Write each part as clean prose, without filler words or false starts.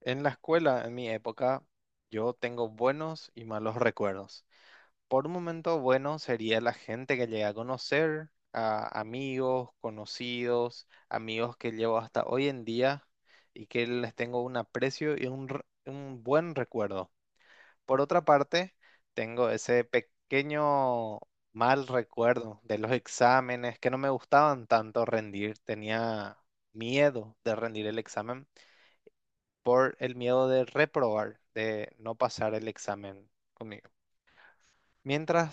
En la escuela, en mi época, yo tengo buenos y malos recuerdos. Por un momento, bueno sería la gente que llegué a conocer, a amigos, conocidos, amigos que llevo hasta hoy en día y que les tengo un aprecio y un buen recuerdo. Por otra parte, tengo ese pequeño mal recuerdo de los exámenes que no me gustaban tanto rendir, tenía miedo de rendir el examen por el miedo de reprobar, de no pasar el examen conmigo. Mientras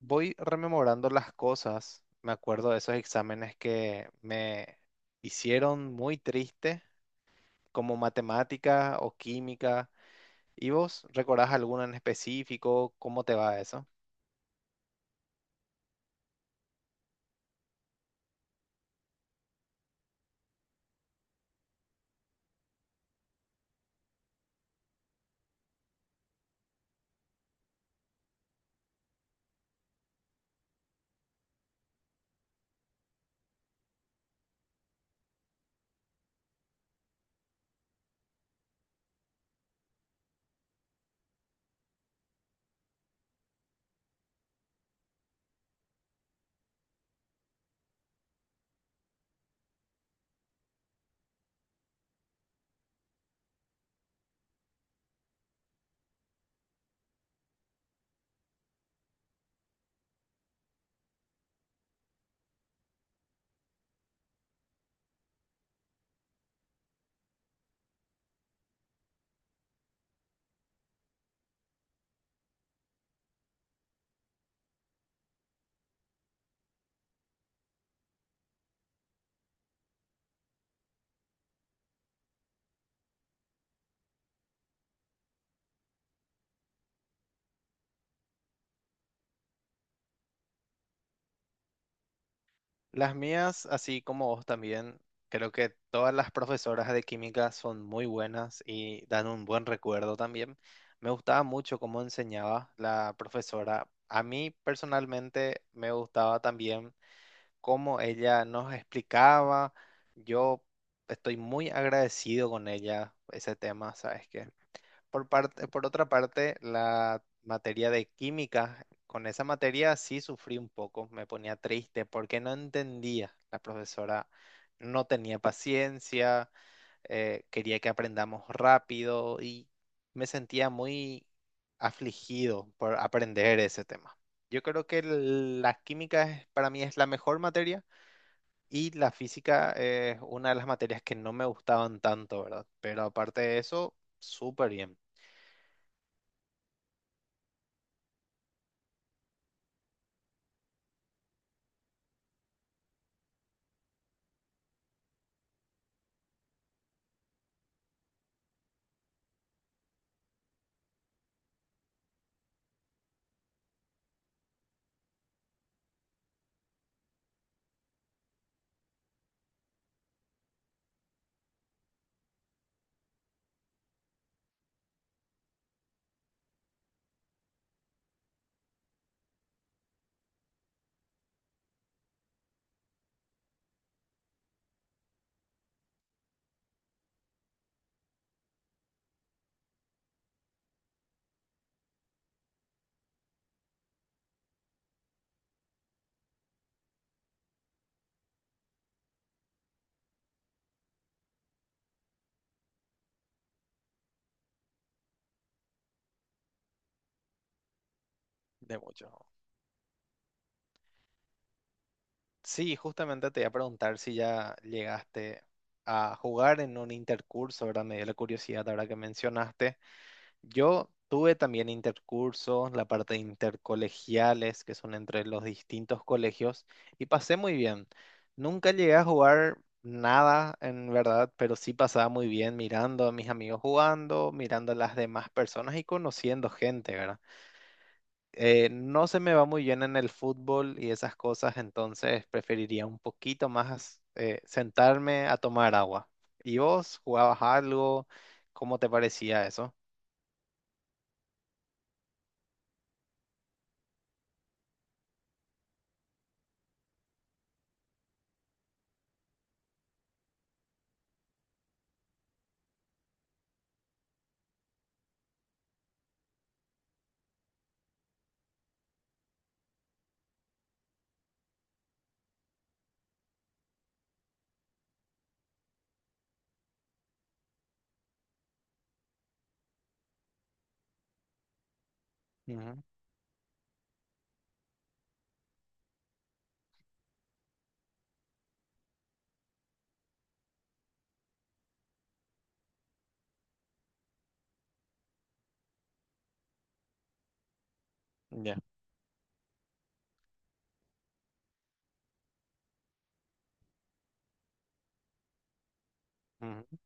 voy rememorando las cosas, me acuerdo de esos exámenes que me hicieron muy triste, como matemática o química. ¿Y vos recordás alguno en específico? ¿Cómo te va eso? Las mías, así como vos también, creo que todas las profesoras de química son muy buenas y dan un buen recuerdo también. Me gustaba mucho cómo enseñaba la profesora. A mí personalmente me gustaba también cómo ella nos explicaba. Yo estoy muy agradecido con ella ese tema, ¿sabes qué? Por otra parte, la materia de química, con esa materia sí sufrí un poco, me ponía triste porque no entendía. La profesora no tenía paciencia, quería que aprendamos rápido y me sentía muy afligido por aprender ese tema. Yo creo que la química es, para mí, es la mejor materia y la física es una de las materias que no me gustaban tanto, ¿verdad? Pero aparte de eso, súper bien. De mucho. Sí, justamente te voy a preguntar si ya llegaste a jugar en un intercurso, ¿verdad? Me dio la curiosidad ahora que mencionaste. Yo tuve también intercursos, la parte de intercolegiales, que son entre los distintos colegios, y pasé muy bien. Nunca llegué a jugar nada, en verdad, pero sí pasaba muy bien mirando a mis amigos jugando, mirando a las demás personas y conociendo gente, ¿verdad? No se me va muy bien en el fútbol y esas cosas, entonces preferiría un poquito más, sentarme a tomar agua. ¿Y vos jugabas algo? ¿Cómo te parecía eso? Ujú. Ya. Ujú.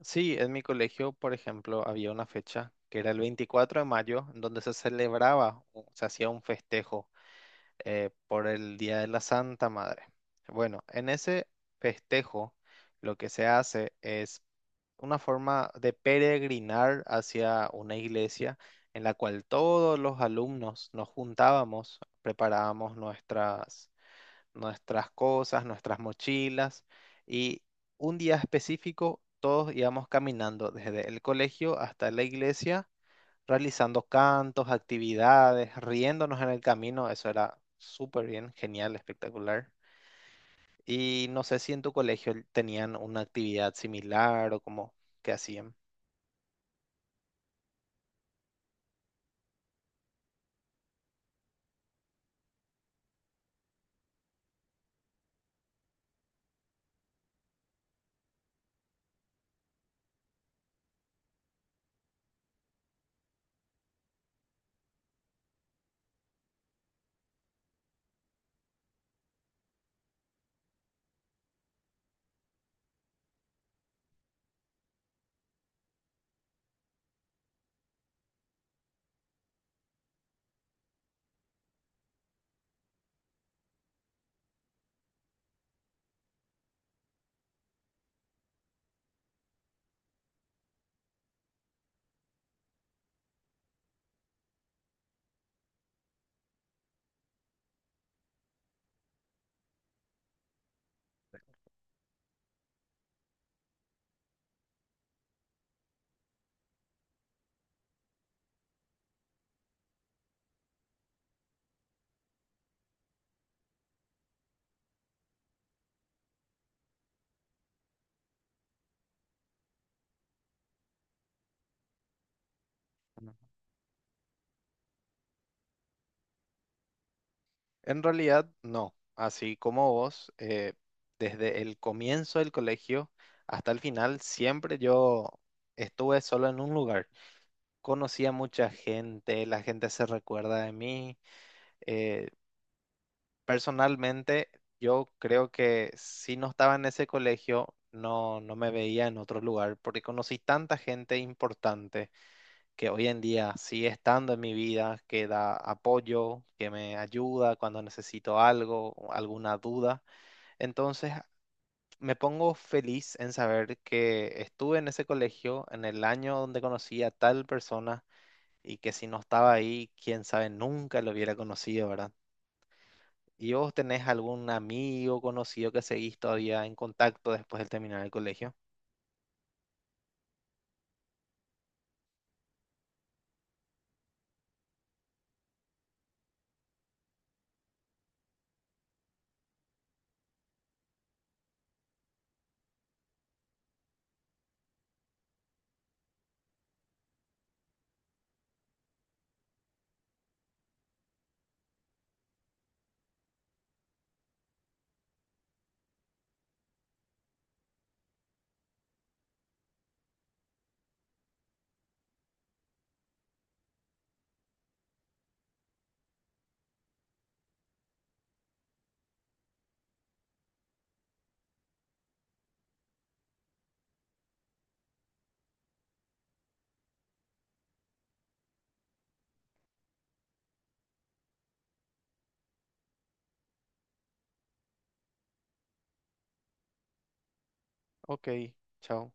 Sí, en mi colegio, por ejemplo, había una fecha que era el 24 de mayo, en donde se celebraba, o se hacía un festejo, por el Día de la Santa Madre. Bueno, en ese festejo lo que se hace es una forma de peregrinar hacia una iglesia en la cual todos los alumnos nos juntábamos, preparábamos nuestras cosas, nuestras mochilas y un día específico todos íbamos caminando desde el colegio hasta la iglesia realizando cantos, actividades, riéndonos en el camino. Eso era súper bien, genial, espectacular. Y no sé si en tu colegio tenían una actividad similar o como que hacían. Ujú. En realidad, no. Así como vos, desde el comienzo del colegio hasta el final, siempre yo estuve solo en un lugar. Conocía mucha gente, la gente se recuerda de mí. eh, Personalmente, yo creo que si no estaba en ese colegio, no, no me veía en otro lugar, porque conocí tanta gente importante que hoy en día sigue estando en mi vida, que da apoyo, que me ayuda cuando necesito algo, alguna duda. Entonces, me pongo feliz en saber que estuve en ese colegio en el año donde conocí a tal persona y que si no estaba ahí, quién sabe, nunca lo hubiera conocido, ¿verdad? ¿Y vos tenés algún amigo conocido que seguís todavía en contacto después de terminar el colegio? Ok, chao.